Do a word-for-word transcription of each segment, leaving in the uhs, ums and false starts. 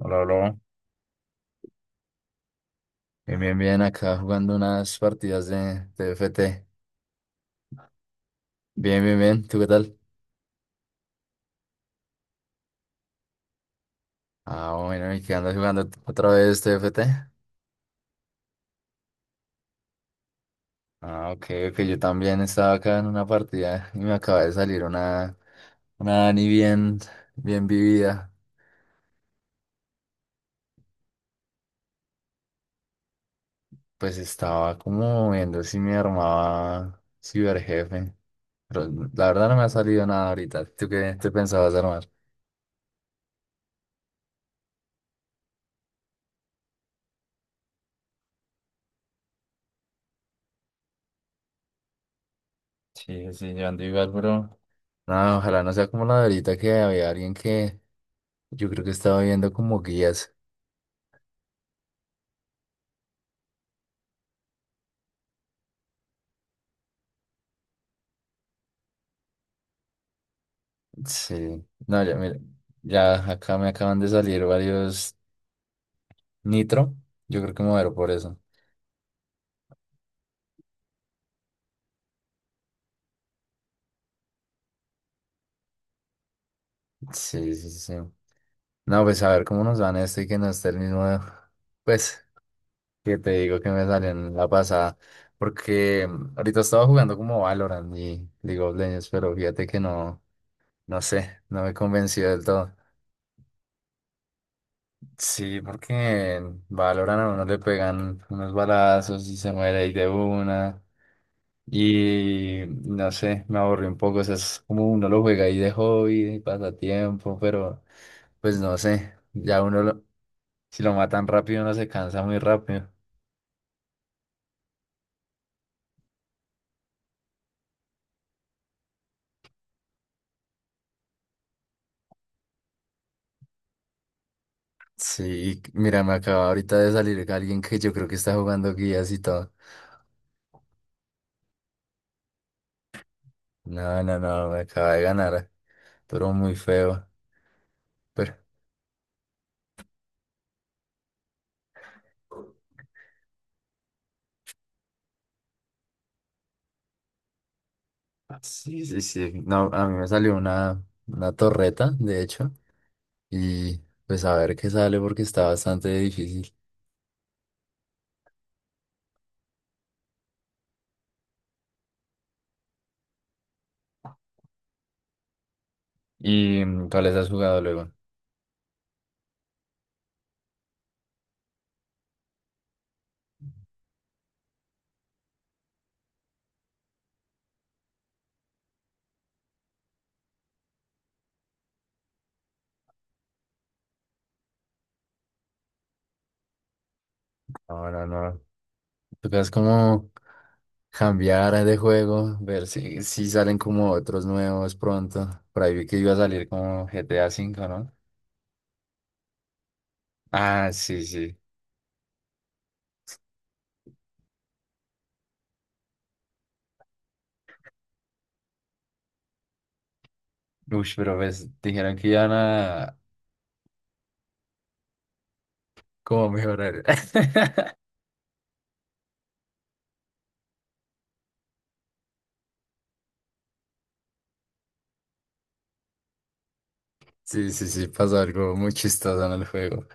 Hola, hola. Bien, bien, bien. Acá jugando unas partidas de T F T. Bien, bien, bien. ¿Tú qué tal? Ah, bueno, ¿y qué andas jugando t- otra vez T F T? Ah, ok, ok. Yo también estaba acá en una partida y me acaba de salir una, una Dani bien, bien vivida. Pues estaba como viendo si me armaba ciberjefe. Pero la verdad no me ha salido nada ahorita. ¿Tú qué te pensabas armar? Sí, sí, yo ando igual, bro. No, ojalá no sea como la de ahorita que había alguien que... Yo creo que estaba viendo como guías. Sí. No, ya, mira, ya acá me acaban de salir varios nitro. Yo creo que me voy a ver por eso. Sí, sí, sí. No, pues a ver cómo nos van esto y que no esté el mismo. Pues, que te digo que me salió en la pasada. Porque ahorita estaba jugando como Valorant y League of Legends, pero fíjate que no, no sé, no me convenció del todo. Sí, porque en Valorant a uno le pegan unos balazos y se muere ahí de una. Y no sé, me aburrí un poco. O sea, es como uno lo juega ahí de hobby, de pasatiempo, pero pues no sé. Ya uno, lo- si lo matan rápido, uno se cansa muy rápido. Sí, mira, me acaba ahorita de salir alguien que yo creo que está jugando guías y todo. No, no, no, me acaba de ganar. Pero muy feo. Pero... Sí, sí, sí. No, a mí me salió una, una torreta, de hecho. Y pues a ver qué sale porque está bastante difícil. ¿Y mm, cuáles has jugado luego? No, no, no. Tocas como cambiar de juego, ver si, si salen como otros nuevos pronto. Por ahí vi que iba a salir como G T A cinco, ¿no? Ah, sí, sí. Uy, pero pues dijeron que iban a como mejorar. Sí, sí, sí, pasa algo muy chistoso en el juego.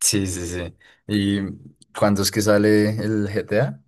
Sí, sí, sí. ¿Y cuándo es que sale el G T A?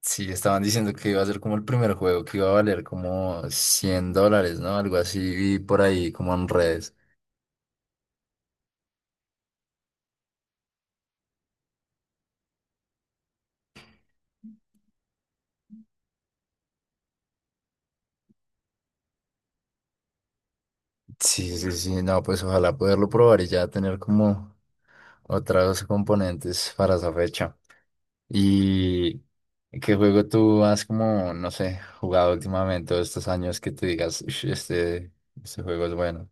Sí, estaban diciendo que iba a ser como el primer juego, que iba a valer como cien dólares, ¿no? Algo así, y por ahí como en redes. Sí, sí, sí, no, pues ojalá poderlo probar y ya tener como otros componentes para esa fecha. ¿Y qué juego tú has como, no sé, jugado últimamente o estos años que te digas, "Ush, este, este juego es bueno"?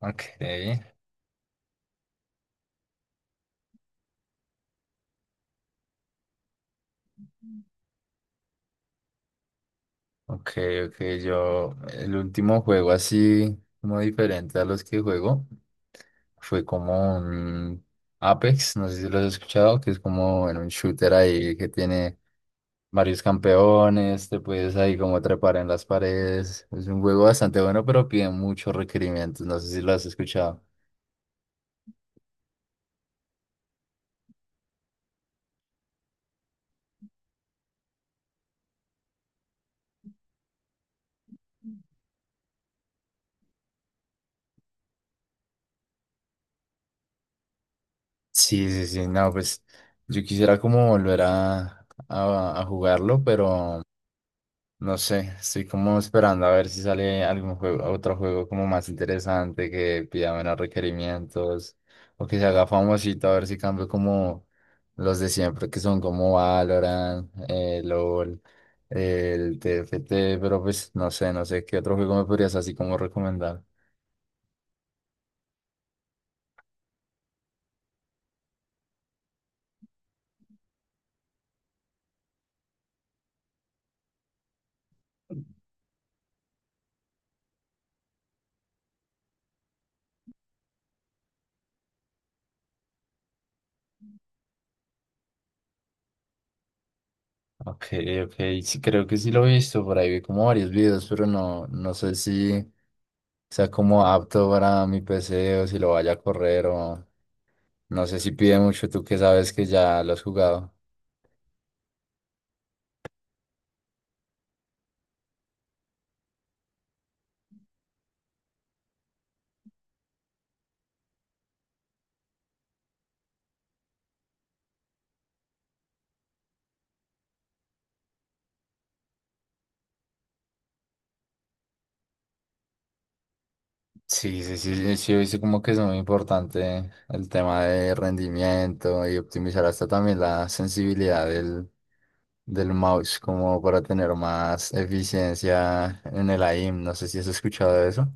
Ok, ok, ok, yo, el último juego así como diferente a los que juego fue como un Apex, no sé si lo has escuchado, que es como en un shooter ahí que tiene varios campeones, te puedes ahí como trepar en las paredes. Es un juego bastante bueno, pero pide muchos requerimientos. No sé si lo has escuchado. Sí, sí, sí, no, pues yo quisiera como volver a, a, a jugarlo, pero... No sé, estoy como esperando a ver si sale algún juego, otro juego como más interesante que pida menos requerimientos o que se haga famosito, a ver si cambio como los de siempre que son como Valorant, eh, L O L, el T F T, pero pues no sé, no sé qué otro juego me podrías así como recomendar. Ok, ok, sí creo que sí lo he visto, por ahí vi como varios videos, pero no, no sé si sea como apto para mi P C o si lo vaya a correr o... No sé si pide mucho, tú que sabes que ya lo has jugado. Sí, sí, sí. Sí, sí, sí, como que es muy importante el tema de rendimiento y optimizar hasta también la sensibilidad del, del mouse, como para tener más eficiencia en el aim. No sé si has escuchado de eso.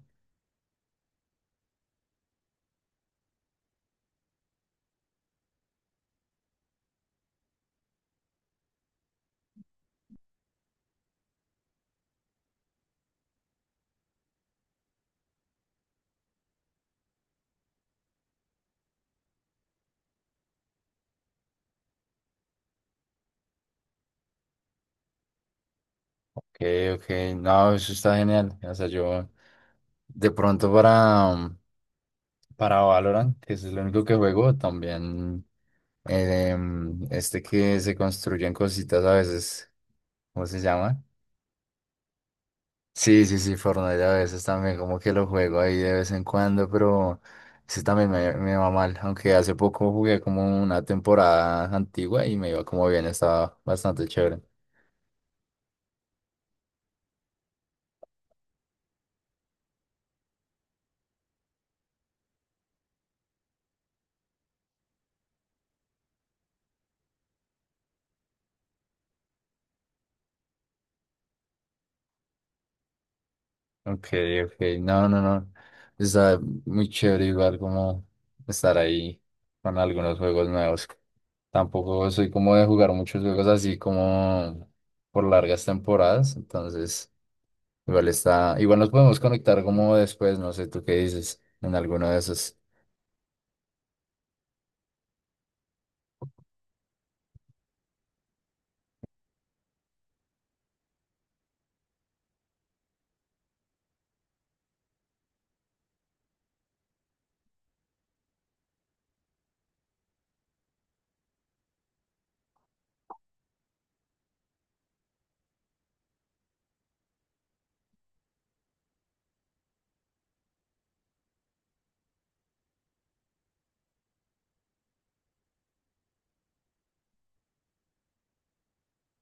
Ok, ok, no, eso está genial. O sea, yo de pronto para... Para Valorant, que es el único que juego, también eh, em, este que se construyen cositas a veces, ¿cómo se llama? Sí, sí, sí, Fortnite a veces también como que lo juego ahí de vez en cuando, pero ese también me, me va mal, aunque hace poco jugué como una temporada antigua y me iba como bien, estaba bastante chévere. Ok, ok, no, no, no, está muy chévere igual como estar ahí con algunos juegos nuevos. Tampoco soy como de jugar muchos juegos así como por largas temporadas, entonces igual está, igual nos podemos conectar como después, no sé tú qué dices, en alguno de esos.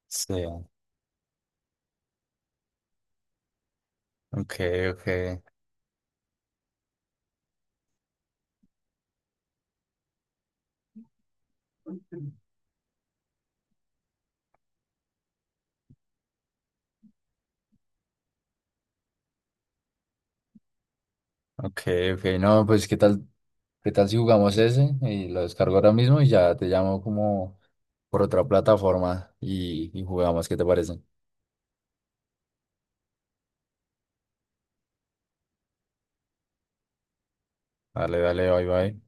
Sí, ok, ok. Ok, ok, no, pues qué tal, qué tal si jugamos ese y lo descargo ahora mismo y ya te llamo como por otra plataforma y, y jugamos, ¿qué te parece? Dale, dale, bye, bye.